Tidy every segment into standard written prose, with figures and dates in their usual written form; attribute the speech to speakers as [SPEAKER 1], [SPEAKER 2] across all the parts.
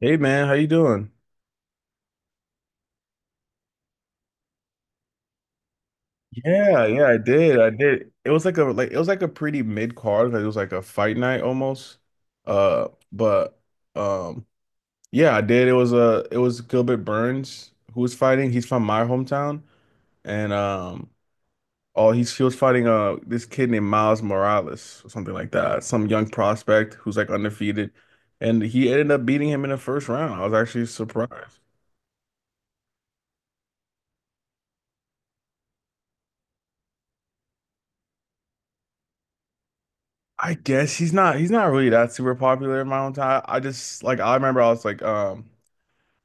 [SPEAKER 1] Hey man, how you doing? Yeah, yeah, I did. It was like a it was like a pretty mid-card. Like it was like a fight night almost. But um, yeah, I did. It was Gilbert Burns who was fighting. He's from my hometown, and oh, he was fighting this kid named Miles Morales or something like that. Some young prospect who's like undefeated, and he ended up beating him in the first round. I was actually surprised. I guess he's not really that super popular in my own time. I just like I remember I was like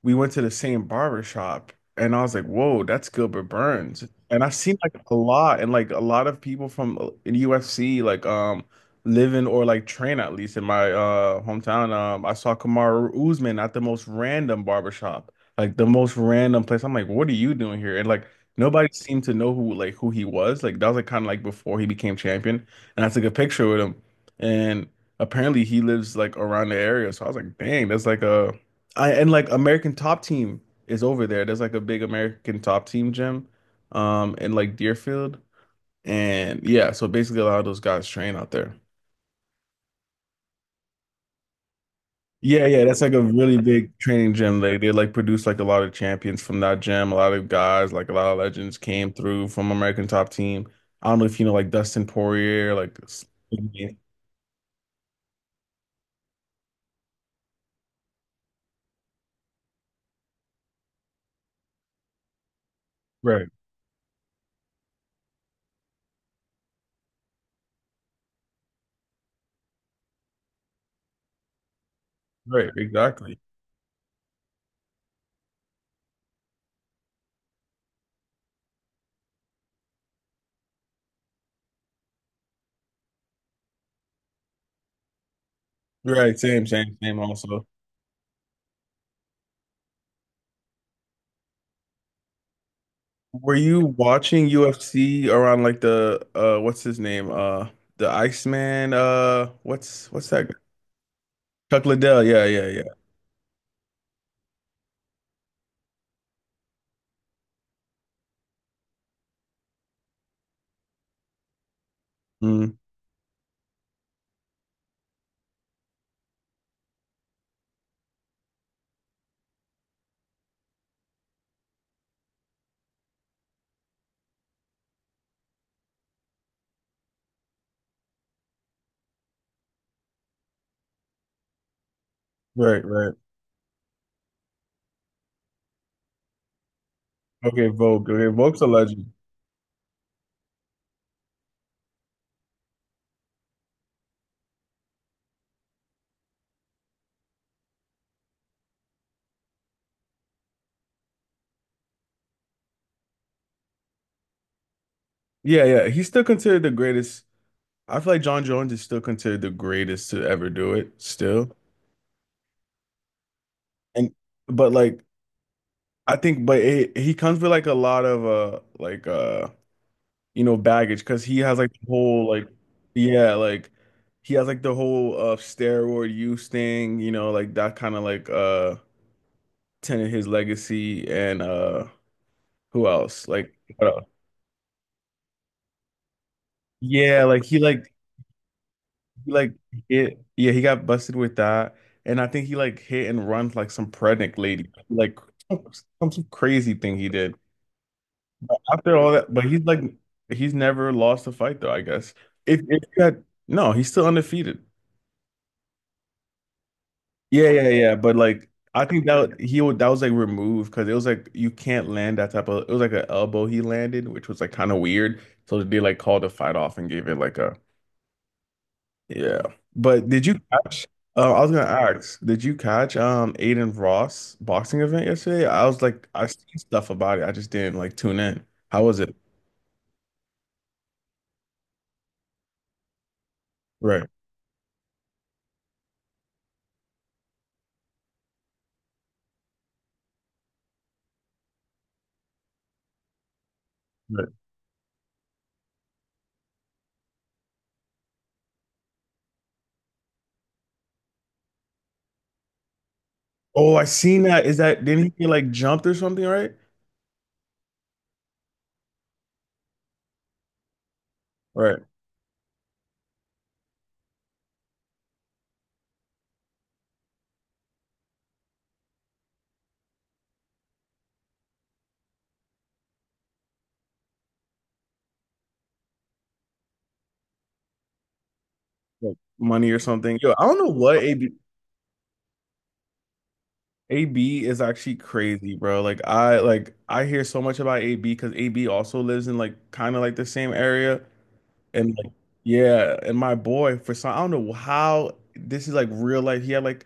[SPEAKER 1] we went to the same barber shop and I was like, whoa, that's Gilbert Burns. And I've seen like a lot of people from in UFC like live in or like train at least in my hometown. I saw Kamaru Usman at the most random barber shop, like the most random place. I'm like, what are you doing here? And like nobody seemed to know who he was. Like that was like kind of like before he became champion. And I took a picture with him and apparently he lives like around the area. So I was like, dang, that's like a I and like American Top Team is over there. There's like a big American Top Team gym, in like Deerfield, and yeah. So basically, a lot of those guys train out there. Yeah, yeah. That's like a really big training gym. They like produce like a lot of champions from that gym. A lot of guys, like a lot of legends, came through from American Top Team. I don't know if you know like Dustin Poirier, Right, right, exactly. Right, same, same, same also. Were you watching UFC around like the what's his name? The Iceman, what's that guy? Chuck Liddell. Yeah, yeah, yeah. Mm, right, right. Okay, Volk. Okay, Volk's a legend. Yeah, yeah. He's still considered the greatest. I feel like John Jones is still considered the greatest to ever do it still. And but like I think he comes with like a lot of baggage because he has like the whole like yeah, like he has like the whole steroid use thing, like that kind of like tainted his legacy and who else? Like what else? Yeah, like he like yeah, he got busted with that. And I think he like hit and run like some pregnant lady. Like some, some crazy thing he did. But after all that, but he's never lost a fight though, I guess. If you had No, he's still undefeated. Yeah, yeah, yeah. But like, I think that he would that was like removed because it was like you can't land that type of. It was like an elbow he landed, which was like kind of weird. So they like called the fight off and gave it like a, yeah. But did you catch? I was gonna ask, did you catch Aiden Ross boxing event yesterday? I was like, I seen stuff about it. I just didn't like tune in. How was it? Right. Right. Oh, I seen that. Is that didn't he get like jumped or something? Right. Right. Like money or something. Yo, I don't know what AB. AB is actually crazy, bro. Like I hear so much about AB because AB also lives in like kind of like the same area and like yeah, and my boy for some I don't know how this is like real life. He had like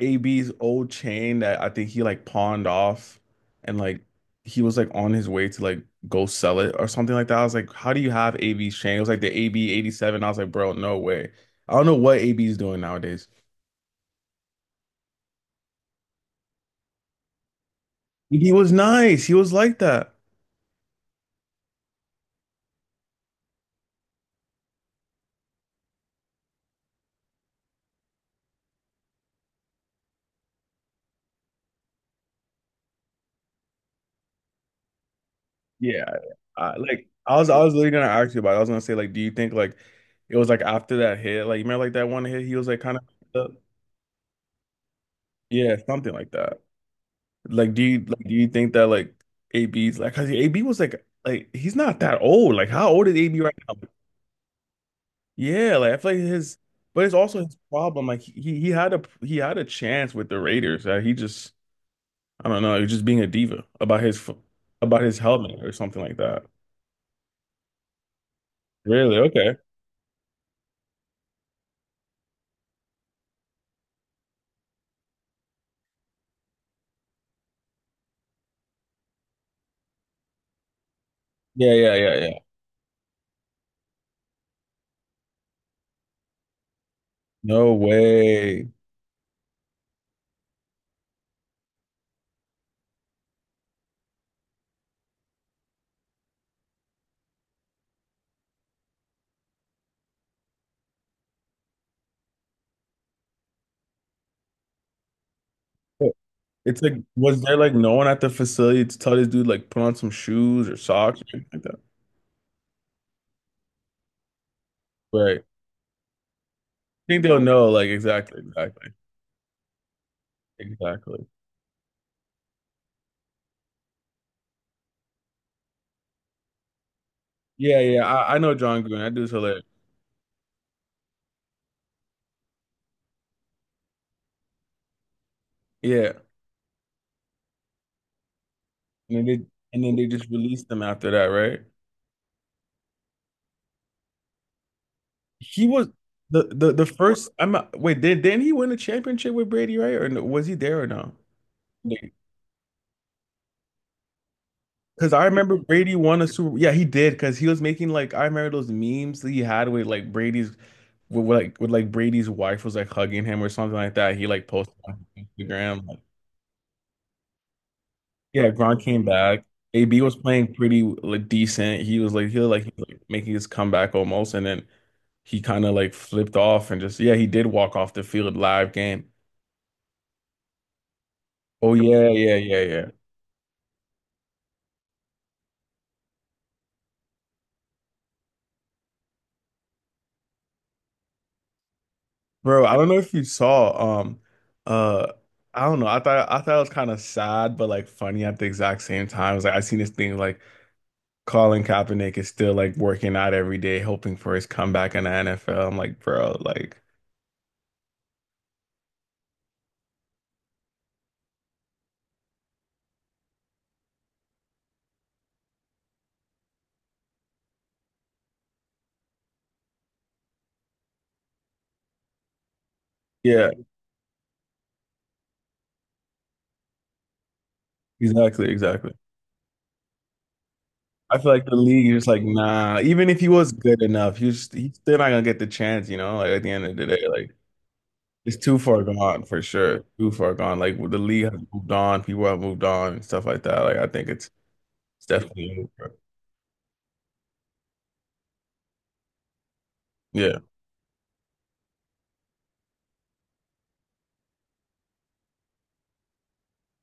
[SPEAKER 1] AB's old chain that I think he like pawned off and like he was like on his way to like go sell it or something like that. I was like, how do you have AB's chain? It was like the AB 87. I was like, bro, no way. I don't know what AB's doing nowadays. He was nice. He was like that. Yeah, I was literally gonna ask you about it. I was gonna say like, do you think like it was like after that hit, like you remember like that one hit, he was like kind of, yeah, something like that. Like, do you think that like AB's like, cause AB was like he's not that old. Like, how old is AB right now? Yeah, like I feel like his, but it's also his problem. Like he had a chance with the Raiders. He just I don't know, he was just being a diva about his about his helmet or something like that. Really? Okay. Yeah, yeah, yeah, no way. It's like, was there like no one at the facility to tell this dude like put on some shoes or socks or anything like that? Right. I think they'll know like exactly, exactly, exactly. Yeah, yeah. I know John Green. That dude's hilarious. Yeah. And then they and then they just released him after that, right? He was the first. I'm not, wait. Didn't he win a championship with Brady, right? Or no, was he there or no? Like, because I remember Brady won a Super. Yeah, he did. Because he was making like I remember those memes that he had with like Brady's wife was like hugging him or something like that. He like posted on Instagram. Like, yeah, Gronk came back. AB was playing pretty like decent. He was, like making his comeback almost, and then he kind of like flipped off and just yeah he did walk off the field live game. Oh yeah yeah yeah yeah. Bro, I don't know if you saw, uh, I don't know. I thought it was kind of sad, but like funny at the exact same time. It was like I seen this thing like Colin Kaepernick is still like working out every day, hoping for his comeback in the NFL. I'm like, bro, like, yeah, exactly, exactly. I feel like the league is just like, nah. Even if he was good enough, he's still not gonna get the chance. Like at the end of the day, like it's too far gone for sure, too far gone. Like the league has moved on, people have moved on, and stuff like that. Like I think it's. It's definitely over. Yeah.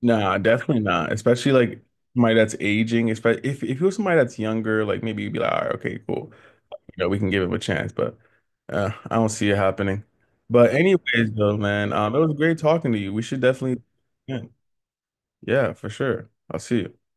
[SPEAKER 1] Nah, definitely not. Especially like somebody that's aging. Especially if you're somebody that's younger, like maybe you'd be like, all right, okay, cool. You know, we can give him a chance. But I don't see it happening. But anyways, though, man, it was great talking to you. We should definitely, yeah, yeah, for sure. I'll see you.